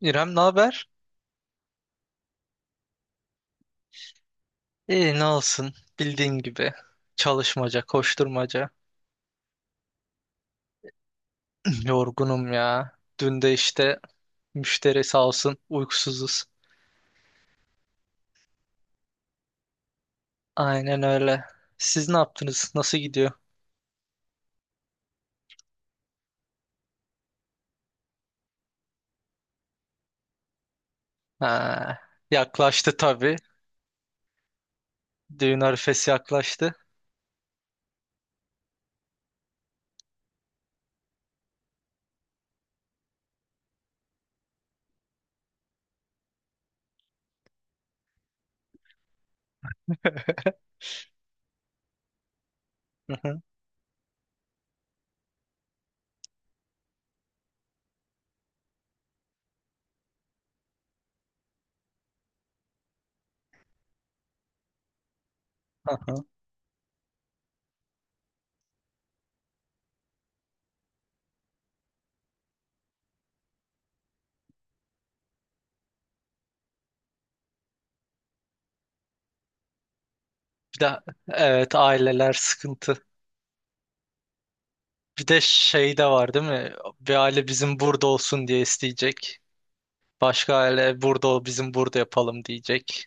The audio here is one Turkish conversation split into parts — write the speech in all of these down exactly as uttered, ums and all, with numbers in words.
İrem, ne haber? İyi, ne olsun. Bildiğin gibi. Çalışmaca, koşturmaca. Yorgunum ya. Dün de işte müşteri sağ olsun uykusuzuz. Aynen öyle. Siz ne yaptınız? Nasıl gidiyor? Ha, yaklaştı tabii. Düğün arifesi yaklaştı. Bir de evet, aileler sıkıntı. Bir de şey de var, değil mi? Bir aile bizim burada olsun diye isteyecek. Başka aile burada ol bizim burada yapalım diyecek.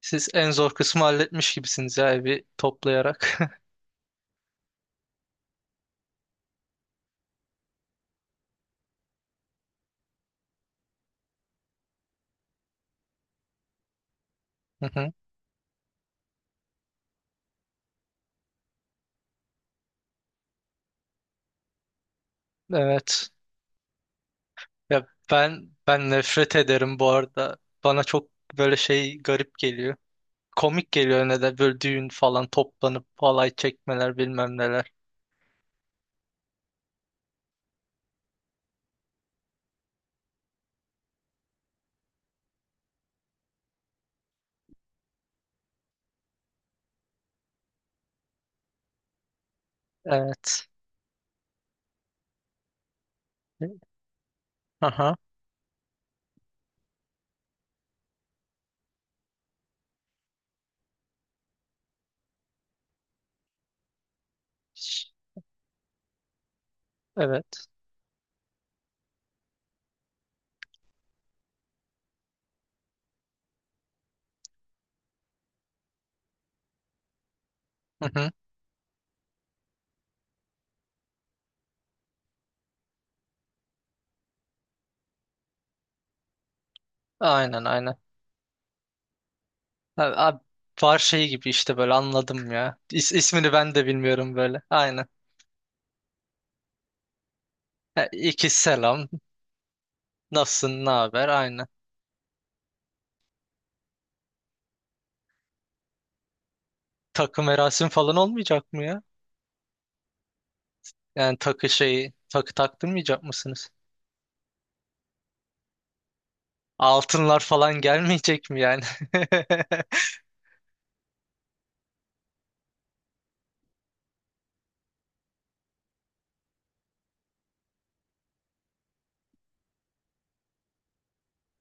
Siz en zor kısmı halletmiş gibisiniz ya, evi toplayarak. Hı hı. Evet. Ya ben ben nefret ederim bu arada. Bana çok böyle şey garip geliyor. Komik geliyor ne de böyle düğün falan toplanıp halay çekmeler bilmem neler. Evet. Aha. Evet. Hı hı. Aynen aynen. Abi, abi var şey gibi işte, böyle anladım ya. İs, ismini ben de bilmiyorum böyle. Aynen. Ha, İki selam. Nasılsın? Ne haber? Aynen. Takı merasim falan olmayacak mı ya? Yani takı şeyi, takı taktırmayacak mısınız? Altınlar falan gelmeyecek mi yani?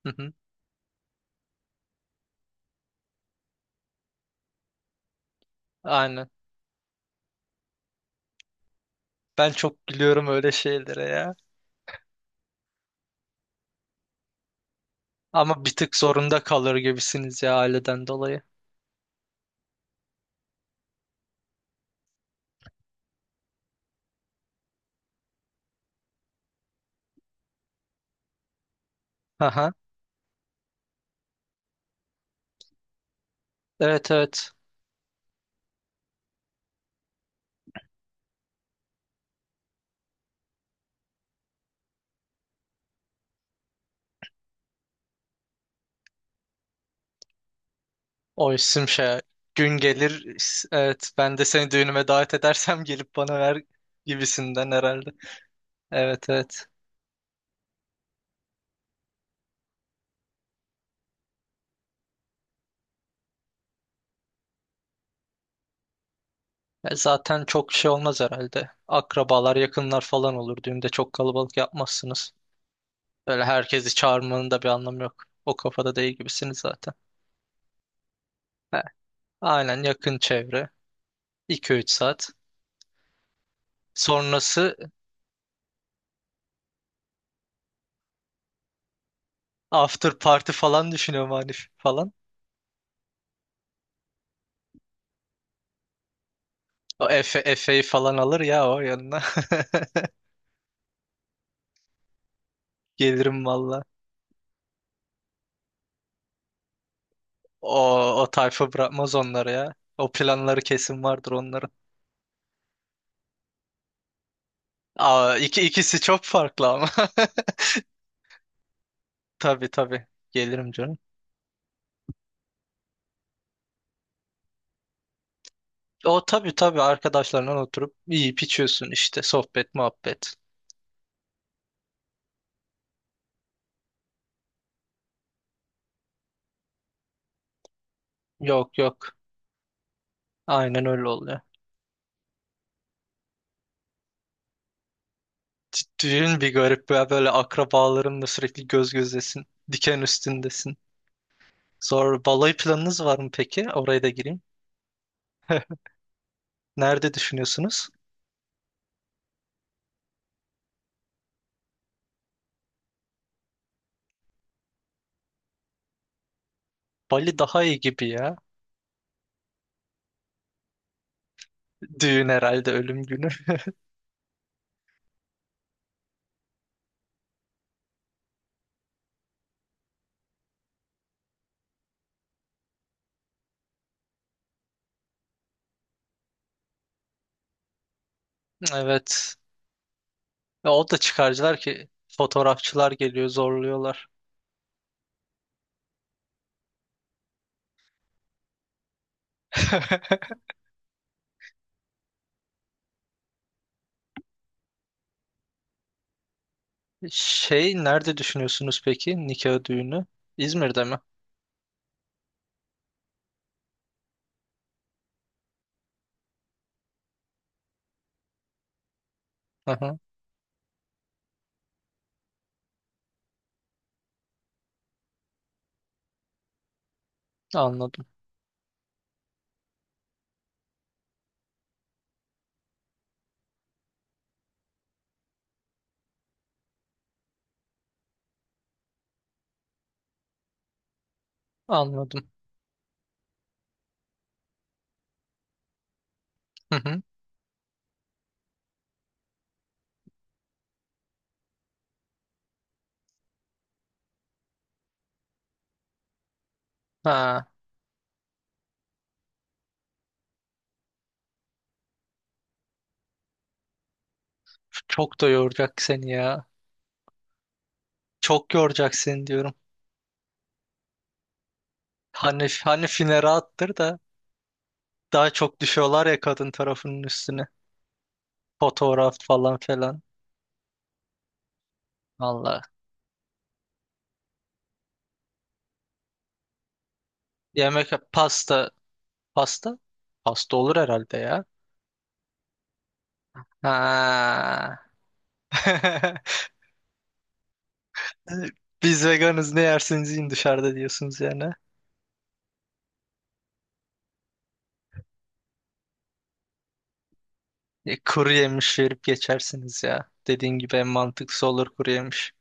Hı hı. Aynen. Ben çok gülüyorum öyle şeylere ya. Ama bir tık zorunda kalır gibisiniz ya, aileden dolayı. Aha. Evet evet. O isim şey, gün gelir, evet, ben de seni düğünüme davet edersem gelip bana ver gibisinden herhalde. Evet evet. E, zaten çok şey olmaz herhalde. Akrabalar, yakınlar falan olur, düğünde çok kalabalık yapmazsınız. Böyle herkesi çağırmanın da bir anlamı yok. O kafada değil gibisiniz zaten. He, aynen, yakın çevre, iki üç saat. Sonrası after party falan düşünüyorum, Hanif falan. O Efe, Efe'yi falan alır ya o yanına. Gelirim valla. O, o tayfa bırakmaz onları ya. O planları kesin vardır onların. Aa, iki, ikisi çok farklı ama. Tabii tabii. Gelirim canım. O tabii tabii, arkadaşlarla oturup yiyip içiyorsun işte, sohbet muhabbet. Yok yok. Aynen öyle oluyor. D- Düğün bir garip ya, böyle akrabalarınla sürekli göz gözesin. Diken üstündesin. Zor. Balayı planınız var mı peki? Oraya da gireyim. Nerede düşünüyorsunuz? Bali daha iyi gibi ya. Düğün herhalde ölüm günü. Evet. Ya o da çıkarcılar ki, fotoğrafçılar geliyor zorluyorlar. Şey, nerede düşünüyorsunuz peki nikah düğünü? İzmir'de mi? Hı hı, anladım. Anladım. Hı hı. Ha, çok da yoracak seni ya. Çok yoracak seni diyorum. Hani hani finere attır da daha çok düşüyorlar ya kadın tarafının üstüne. Fotoğraf falan filan. Valla. Yemek, pasta, pasta pasta olur herhalde ya. Ha. Biz veganız, ne yerseniz yiyin dışarıda diyorsunuz yani. E, kuru yemiş verip geçersiniz ya. Dediğin gibi en mantıklısı olur, kuru yemiş.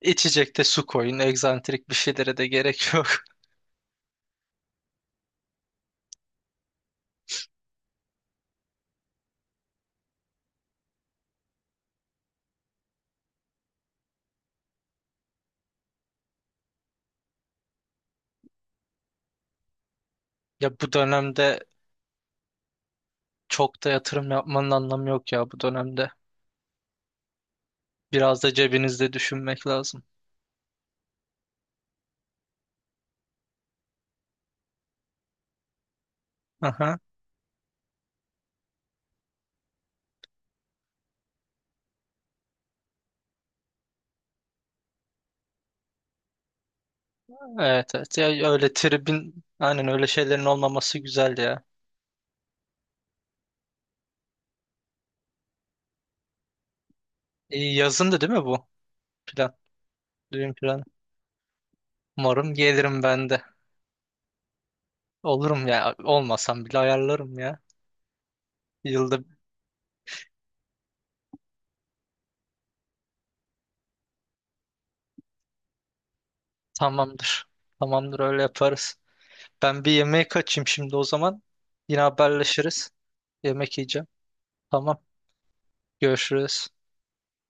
İçecekte su koyun. Egzantrik bir şeylere de gerek yok. Ya bu dönemde çok da yatırım yapmanın anlamı yok ya, bu dönemde. Biraz da cebinizde düşünmek lazım. Aha. Evet evet. Ya öyle tribin, aynen öyle şeylerin olmaması güzel ya. E, yazın da, değil mi bu plan? Düğün planı. Umarım gelirim ben de. Olurum ya. Olmasam bile ayarlarım ya. Yılda tamamdır. Tamamdır, öyle yaparız. Ben bir yemeğe kaçayım şimdi o zaman. Yine haberleşiriz. Yemek yiyeceğim. Tamam. Görüşürüz.